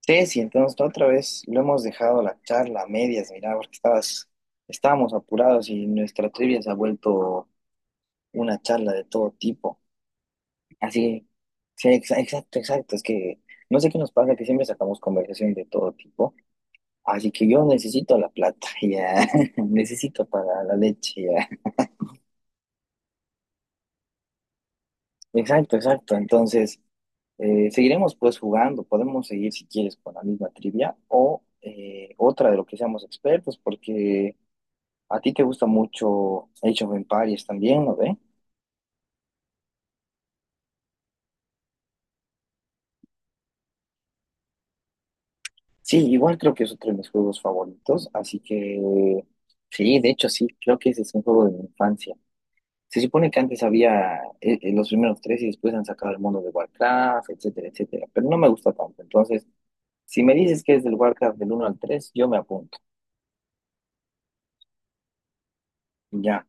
Ceci, entonces la otra vez lo hemos dejado la charla a medias, mira, porque estabas, estábamos apurados y nuestra trivia se ha vuelto una charla de todo tipo. Así, sí, exacto, exacto. Es que no sé qué nos pasa, que siempre sacamos conversación de todo tipo. Así que yo necesito la plata, ya. Necesito para la leche, ya. Exacto, exacto. Entonces, seguiremos pues jugando, podemos seguir si quieres con la misma trivia o otra de lo que seamos expertos, porque ¿a ti te gusta mucho Age of Empires también, no ve? Sí, igual creo que es otro de mis juegos favoritos, así que sí, de hecho sí, creo que ese es un juego de mi infancia. Se supone que antes había los primeros tres y después han sacado el mundo de Warcraft, etcétera, etcétera, pero no me gusta tanto. Entonces, si me dices que es del Warcraft del uno al 3, yo me apunto. Ya,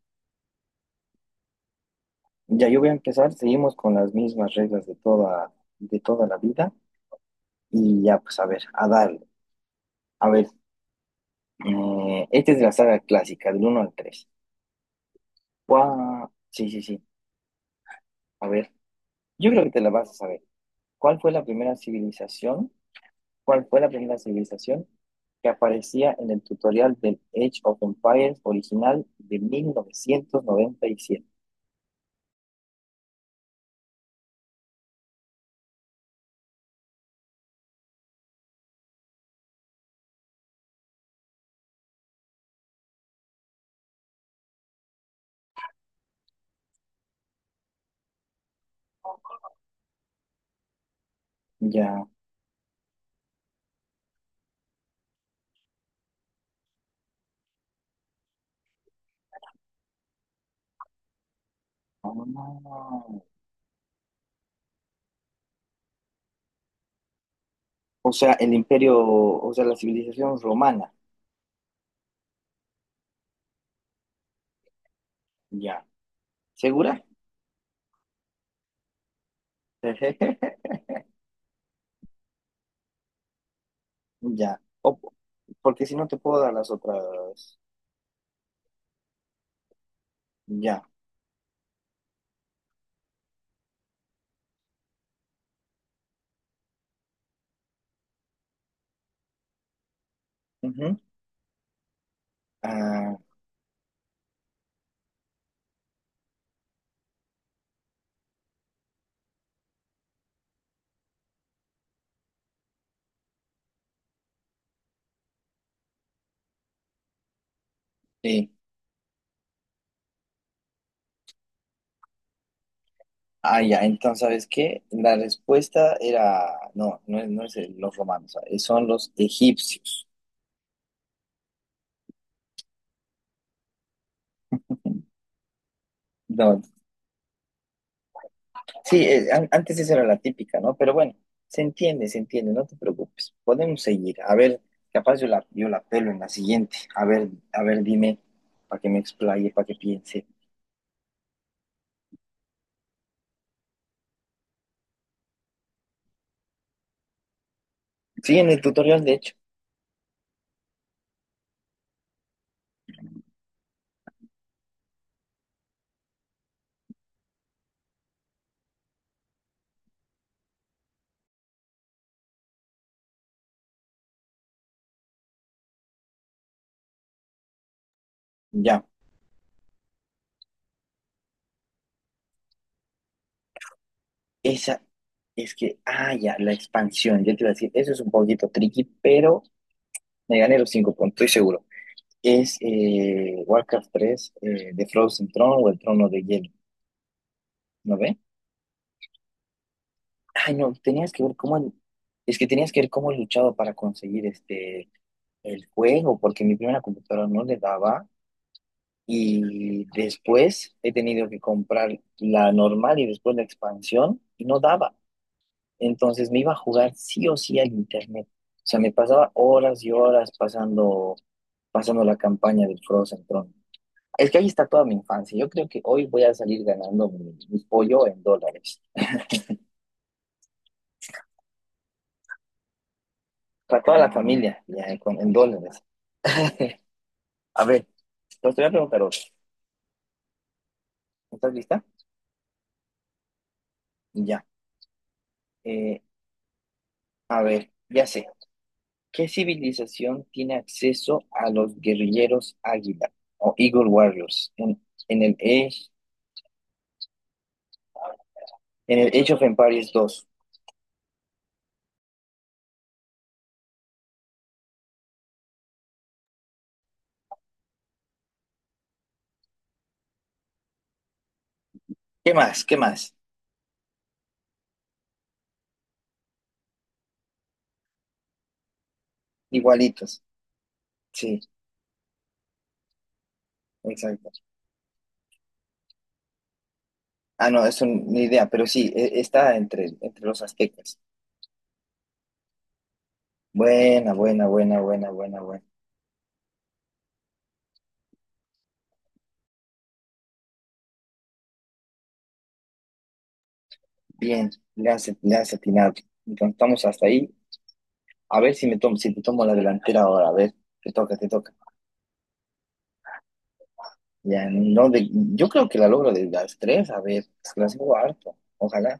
ya yo voy a empezar, seguimos con las mismas reglas de toda la vida y ya, pues a ver, a darle. A ver, esta es de la saga clásica, del uno al 3. Guau. Sí, sí, sí. A ver, yo creo que te la vas a saber. ¿Cuál fue la primera civilización? ¿Cuál fue la primera civilización que aparecía en el tutorial del Age of Empires original de mil novecientos noventa y siete? Ya. Ah, o sea, el imperio, o sea, la civilización romana. Ya. ¿Segura? Ya. O- porque si no te puedo dar las otras. Ya. Ujú. Ah. Sí. Ah, ya, entonces, ¿sabes qué? La respuesta era, no, no es, los romanos, son los egipcios. No, sí, antes esa era la típica, ¿no? Pero bueno, se entiende, no te preocupes. Podemos seguir. A ver, capaz yo la, yo la pelo en la siguiente. A ver, dime, para que me explaye, para que piense. Sí, en el tutorial, de hecho, ya. Esa es que, ah, ya, la expansión, yo te iba a decir, eso es un poquito tricky, pero me gané los cinco puntos, estoy seguro. Es Warcraft tres, The Frozen Throne o el Trono de Hielo, ¿no ve? Ay, no, tenías que ver cómo, es que tenías que ver cómo he luchado para conseguir este, el juego, porque mi primera computadora no le daba y después he tenido que comprar la normal y después la expansión y no daba. Entonces me iba a jugar sí o sí al internet. O sea, me pasaba horas y horas pasando, pasando la campaña del Frozen Throne. Es que ahí está toda mi infancia. Yo creo que hoy voy a salir ganando mi, mi pollo en dólares. Para toda la familia, ya, con, en dólares. A ver, pues te voy a preguntar otra. ¿Estás lista? Ya. Eh, a ver, ya sé. ¿Qué civilización tiene acceso a los guerrilleros Águila o Eagle Warriors en el Age, en el Age of Empires 2? ¿Qué más? ¿Qué más? Igualitos. Sí, exacto. Ah, no, es una idea, pero sí, está entre, entre los aztecas. Buena, buena, buena, buena, buena, buena. Bien, le has atinado. Entonces estamos hasta ahí. A ver si me tomo, si te tomo la delantera ahora. A ver, te toca, te toca. Ya no de, yo creo que la logro de las tres, a ver, se las hago harto. Ojalá.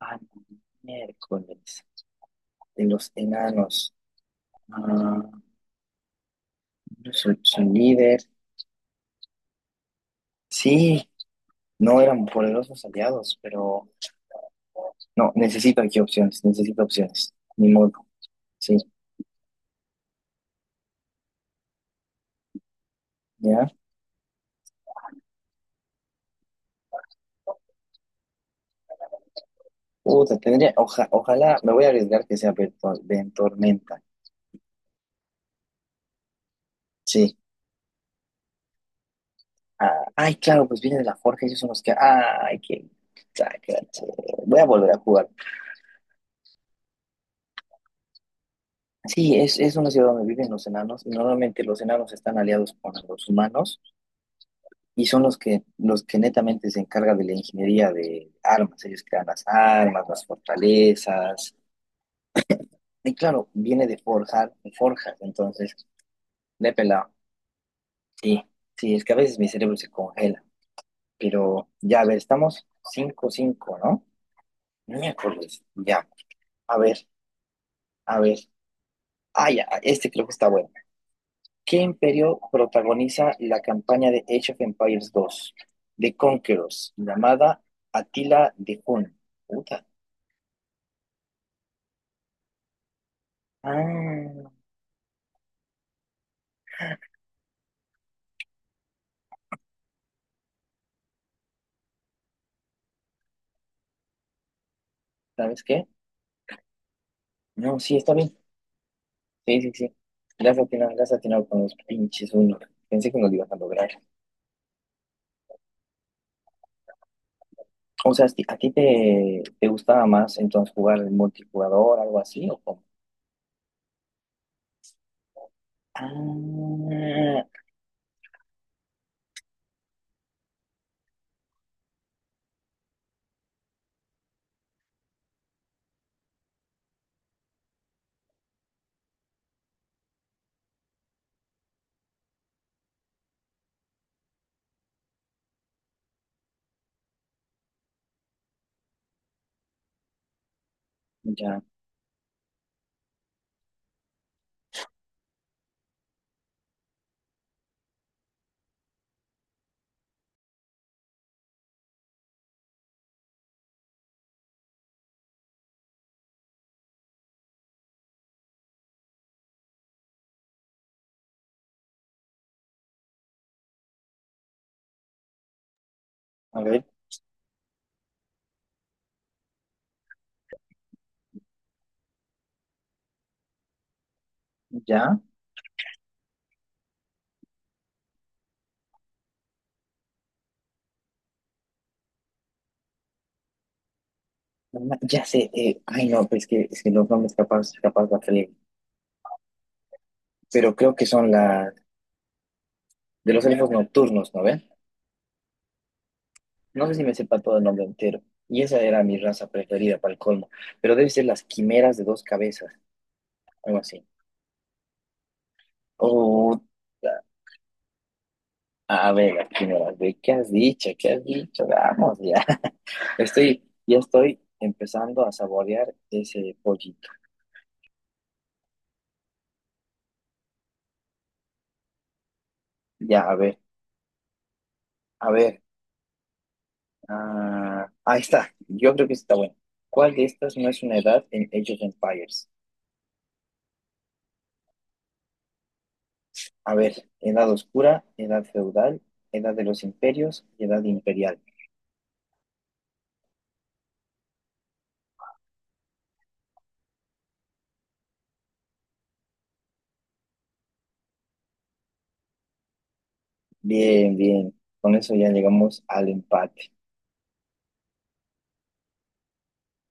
Ah, no, miércoles. De los enanos. Ah, son, son líder. Sí, no eran poderosos aliados, pero no, necesito aquí opciones, necesito opciones. Ni modo. Sí, ya. Puta, tendría, ojalá, me voy a arriesgar que sea Ben, Ben Tormenta. Sí. Ah, ay, claro, pues viene de la Forja, ellos son los que. Ay, qué. Sacache. Voy a volver a jugar. Sí, es una ciudad donde viven los enanos. Y normalmente los enanos están aliados con los humanos y son los que netamente se encargan de la ingeniería de armas. Ellos crean las armas, las fortalezas. Y claro, viene de forjar, forjas, entonces, de pelado. Sí, sí, es que a veces mi cerebro se congela. Pero ya, a ver, estamos cinco cinco, ¿no? Miércoles, ya. A ver, a ver. Ah, ya, este creo que está bueno. ¿Qué imperio protagoniza la campaña de Age of Empires dos de Conquerors, llamada Atila de Hun? Puta. Ah, ¿sabes qué? No, sí, está bien. Sí, sí, sí. Le has atinado con los pinches uno. Pensé que no lo ibas a lograr. O sea, ¿a ti te, te gustaba más entonces jugar el multijugador, algo así, o cómo? Ah, ya, a ver, ya, ya sé, ay no, pues es que los nombres capaz, capaz va a salir, pero creo que son las, de los elfos nocturnos, ¿no ven? No sé si me sepa todo el nombre entero, y esa era mi raza preferida para el colmo, pero debe ser las quimeras de dos cabezas, algo así. Oh, a ver, las quimeras, ¿de qué has dicho? ¿Qué has dicho? Vamos, ya, estoy, ya estoy empezando a saborear ese pollito. Ya, a ver, a ver. Ah, ahí está. Yo creo que sí está bueno. ¿Cuál de estas no es una edad en Age of Empires? A ver, edad oscura, edad feudal, edad de los imperios y edad imperial. Bien, bien. Con eso ya llegamos al empate.